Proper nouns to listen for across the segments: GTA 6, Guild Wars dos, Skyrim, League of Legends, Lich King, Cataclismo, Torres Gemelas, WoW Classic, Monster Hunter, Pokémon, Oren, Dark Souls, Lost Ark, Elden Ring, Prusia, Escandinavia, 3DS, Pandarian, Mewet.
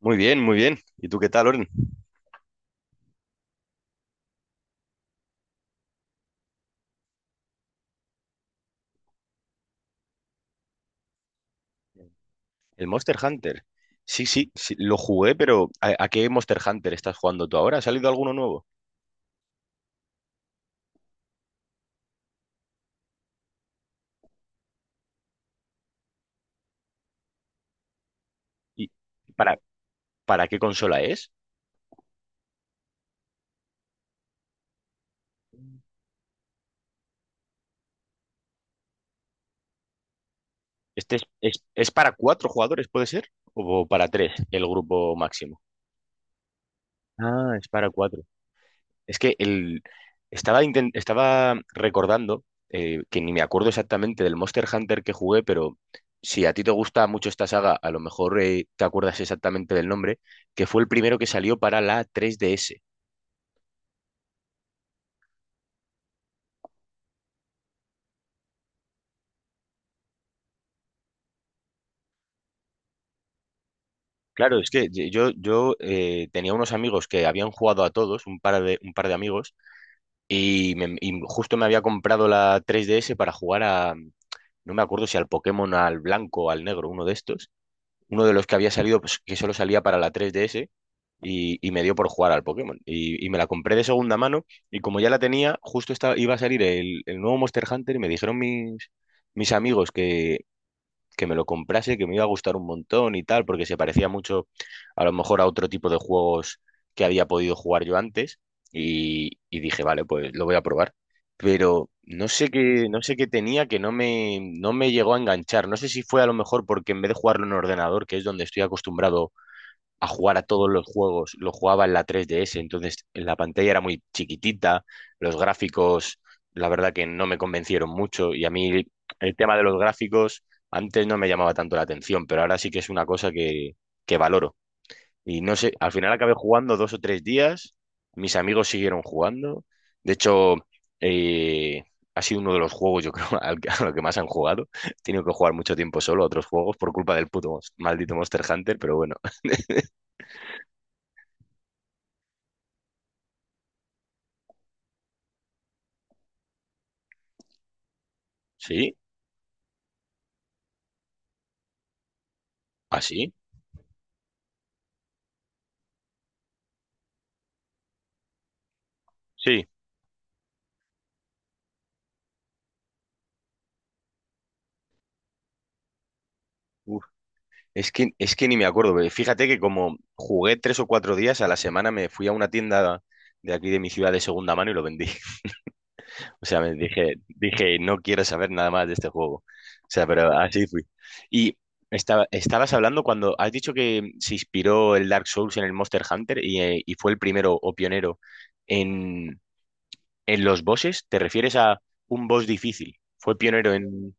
Muy bien, muy bien. ¿Y tú qué tal, Oren? El Monster Hunter. Sí, sí, sí, lo jugué, pero ¿a qué Monster Hunter estás jugando tú ahora? ¿Ha salido alguno nuevo? ¿Y para, para qué consola es? ¿Este es para cuatro jugadores, puede ser? ¿O para tres, el grupo máximo? Ah, es para cuatro. Es que estaba recordando, que ni me acuerdo exactamente del Monster Hunter que jugué, pero si a ti te gusta mucho esta saga, a lo mejor te acuerdas exactamente del nombre, que fue el primero que salió para la 3DS. Claro, es que ye- yo tenía unos amigos que habían jugado a todos, un par de amigos, y justo me había comprado la 3DS para jugar a, no me acuerdo si al Pokémon, al blanco o al negro, uno de estos, uno de los que había salido, pues, que solo salía para la 3DS, y me dio por jugar al Pokémon. Y me la compré de segunda mano y como ya la tenía, justo iba a salir el nuevo Monster Hunter y me dijeron mis amigos que me lo comprase, que me iba a gustar un montón y tal, porque se parecía mucho a lo mejor a otro tipo de juegos que había podido jugar yo antes. Y dije, vale, pues lo voy a probar. Pero no sé qué tenía que no me llegó a enganchar. No sé si fue a lo mejor porque en vez de jugarlo en ordenador, que es donde estoy acostumbrado a jugar a todos los juegos. Lo jugaba en la 3DS, entonces en la pantalla era muy chiquitita, los gráficos, la verdad que no me convencieron mucho y a mí el tema de los gráficos antes no me llamaba tanto la atención, pero ahora sí que es una cosa que valoro. Y no sé, al final acabé jugando 2 o 3 días, mis amigos siguieron jugando, de hecho. eh, Ha sido uno de los juegos, yo creo, a lo que más han jugado. He tenido que jugar mucho tiempo solo a otros juegos por culpa del maldito Monster Hunter, pero bueno, sí. ¿Ah, sí? Sí. Uf, es que ni me acuerdo, pero fíjate que como jugué 3 o 4 días a la semana, me fui a una tienda de aquí de mi ciudad de segunda mano y lo vendí. O sea, dije, no quiero saber nada más de este juego. O sea, pero así fui. Y estabas hablando cuando has dicho que se inspiró el Dark Souls en el Monster Hunter y fue el primero o pionero en, en los bosses. ¿Te refieres a un boss difícil? Fue pionero en.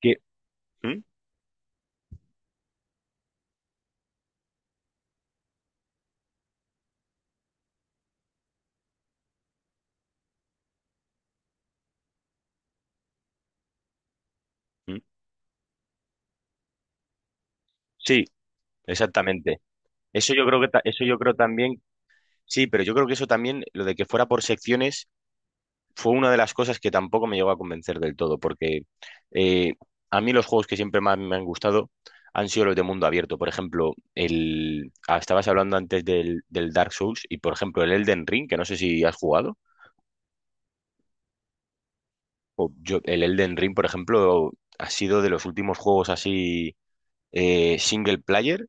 ¿Qué? ¿Mm? ¿Mm? Sí, exactamente. Eso yo creo también, sí, pero yo creo que eso también, lo de que fuera por secciones, fue una de las cosas que tampoco me llegó a convencer del todo, porque eh, a mí los juegos que siempre más me han gustado han sido los de mundo abierto. Por ejemplo, estabas hablando antes del Dark Souls y por ejemplo el Elden Ring, que no sé si has jugado. O yo, el Elden Ring, por ejemplo, ha sido de los últimos juegos así single player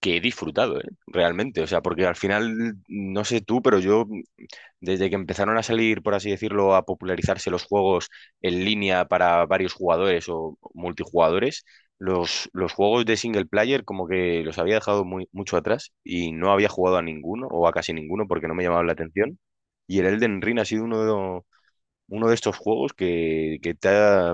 que he disfrutado, ¿eh? Realmente. O sea, porque al final, no sé tú, pero yo desde que empezaron a salir, por así decirlo, a popularizarse los juegos en línea para varios jugadores o multijugadores, los juegos de single player como que los había dejado muy, mucho atrás y no había jugado a ninguno o a casi ninguno porque no me llamaban la atención. Y el Elden Ring ha sido uno de estos juegos que te ha,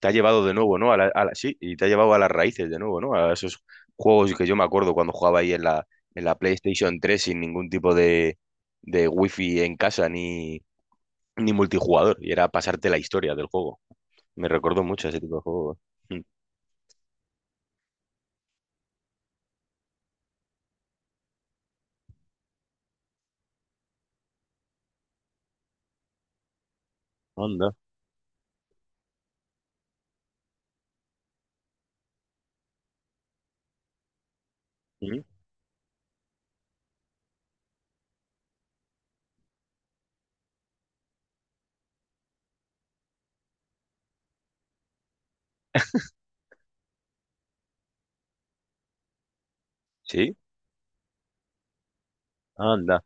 te ha llevado de nuevo, ¿no? Sí, y te ha llevado a las raíces de nuevo, ¿no? A esos juegos que yo me acuerdo cuando jugaba ahí en la, PlayStation 3 sin ningún tipo de wifi en casa ni multijugador. Y era pasarte la historia del juego. Me recuerdo mucho a ese tipo de juegos. Mm. Anda. Mm. Sí, anda.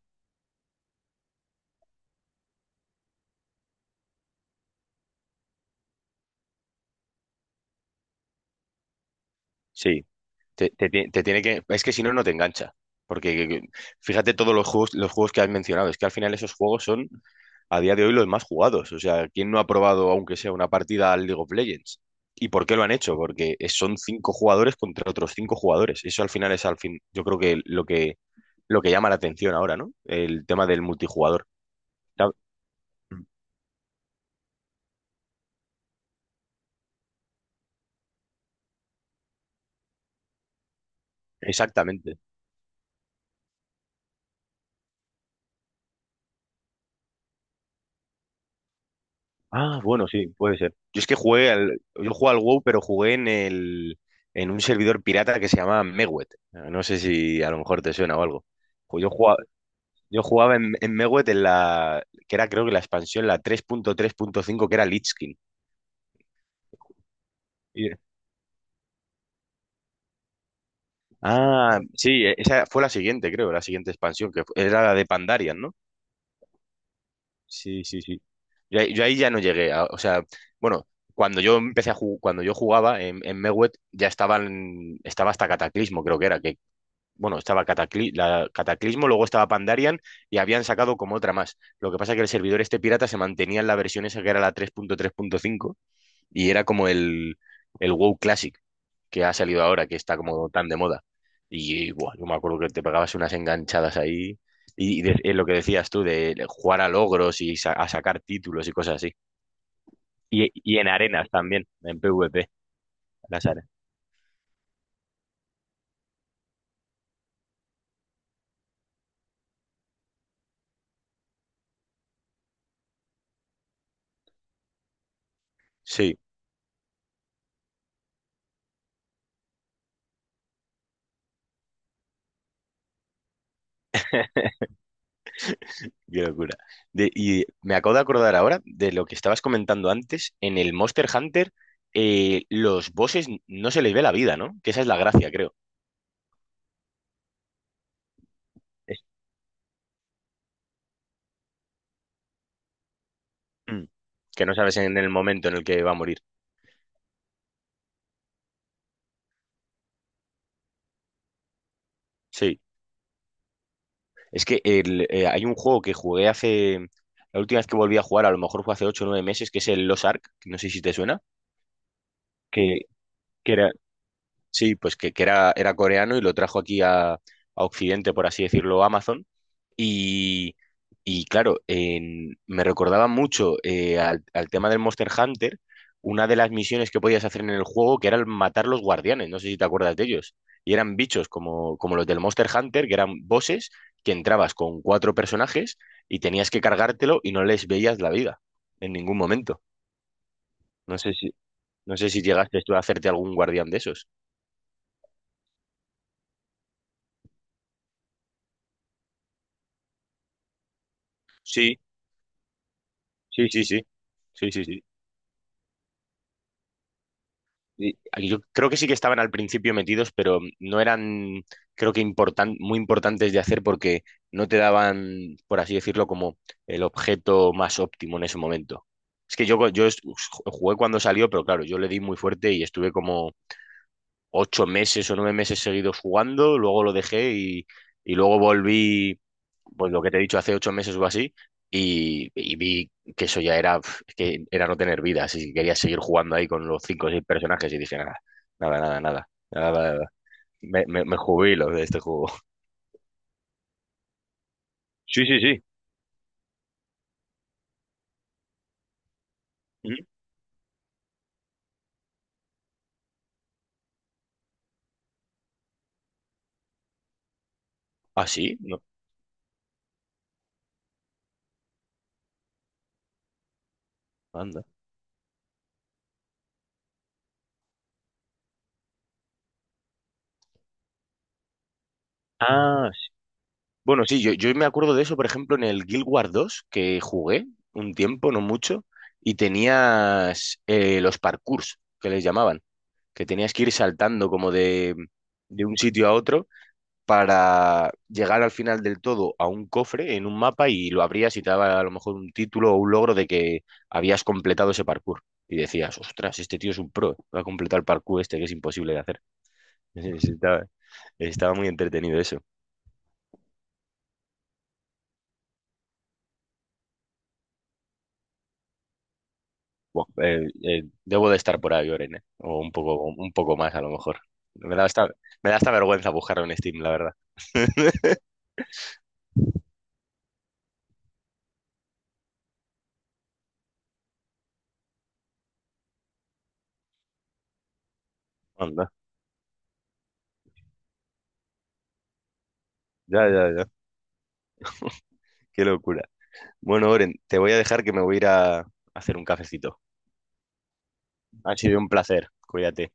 Sí. Te tiene que. Es que si no, no te engancha. Porque que- que- Fíjate todos los juegos que has mencionado. Es que al final esos juegos son a día de hoy los más jugados. O sea, ¿quién no ha probado, aunque sea una partida al League of Legends? ¿Y por qué lo han hecho? Porque son cinco jugadores contra otros cinco jugadores. Eso al final es al fin. Yo creo que lo que llama la atención ahora, ¿no? El tema del multijugador. ¿Sabes? Exactamente. Ah, bueno, sí, puede ser. Yo jugué al WoW, pero jugué en un servidor pirata que se llama Mewet. No sé si a lo mejor te suena o algo. Pues yo jugaba en Mewet que era creo que la expansión, la 3.3.5 que era Lich King. Y- Ah, sí, esa fue la siguiente, creo, la siguiente expansión, era la de Pandarian, ¿no? Sí, sí, sí. Yo ahí ya no llegué. O sea, bueno, cuando yo empecé a jugar, cuando yo jugaba en Mewet ya estaba hasta Cataclismo, creo que era, bueno, estaba Cataclismo, luego estaba Pandarian y habían sacado como otra más. Lo que pasa es que el servidor este pirata se mantenía en la versión esa que era la 3.3.5 y era como el WoW Classic que ha salido ahora, que está como tan de moda. Y buah, yo me acuerdo que te pegabas unas enganchadas ahí. Y lo que decías tú, de jugar a logros y a sacar títulos y cosas así. Y en arenas también, en PvP, las arenas. Sí, qué locura. Y me acabo de acordar ahora de lo que estabas comentando antes. En el Monster Hunter, los bosses no se les ve la vida, ¿no? Que esa es la gracia, creo. Es- Mm. Que no sabes en el momento en el que va a morir. Sí. Es que hay un juego que jugué hace. La última vez que volví a jugar, a lo mejor fue hace ocho o 9 meses, que es el Lost Ark. No sé si te suena. Que, que era, sí, pues que era coreano y lo trajo aquí a Occidente, por así decirlo, Amazon. Y, y claro, me recordaba mucho al tema del Monster Hunter, una de las misiones que podías hacer en el juego, que era el matar los guardianes, no sé si te acuerdas de ellos. Y eran bichos como los del Monster Hunter, que eran bosses que entrabas con cuatro personajes y tenías que cargártelo y no les veías la vida en ningún momento. No sé si, no sé si llegaste tú a hacerte algún guardián de esos. Sí, sí, sí, sí. Sí, sí, sí. Y aquí yo creo que sí que estaban al principio metidos, pero no eran, creo que muy importantes de hacer porque no te daban, por así decirlo, como el objeto más óptimo en ese momento. Es que jugué cuando salió, pero claro, yo le di muy fuerte y estuve como 8 meses o 9 meses seguidos jugando, luego lo dejé y luego volví, pues lo que te he dicho, hace 8 meses o así, y vi que eso ya era, pf, es que era no tener vida, así que quería seguir jugando ahí con los cinco o seis personajes y dije, nada, nada, nada, nada, nada, nada, nada. Me jubilo de este juego. Sí, sí, sí. Ujú. Ah, sí, no, anda. Ah, bueno, sí, yo me acuerdo de eso, por ejemplo, en el Guild Wars 2 que jugué un tiempo, no mucho, y tenías los parkours, que les llamaban, que tenías que ir saltando como de un sitio a otro para llegar al final del todo a un cofre en un mapa y lo abrías y te daba a lo mejor un título o un logro de que habías completado ese parkour. Y decías, ostras, este tío es un pro, va a completar el parkour este que es imposible de hacer. Estaba, estaba muy entretenido eso. Buah, debo de estar por ahí, Oren, o un poco más a lo mejor. Me da hasta, me da hasta vergüenza buscarlo en Steam, la verdad. Anda. Ya, ya, ya. Qué locura. Bueno, Oren, te voy a dejar que me voy a ir a hacer un cafecito. Ha sido un placer. Cuídate.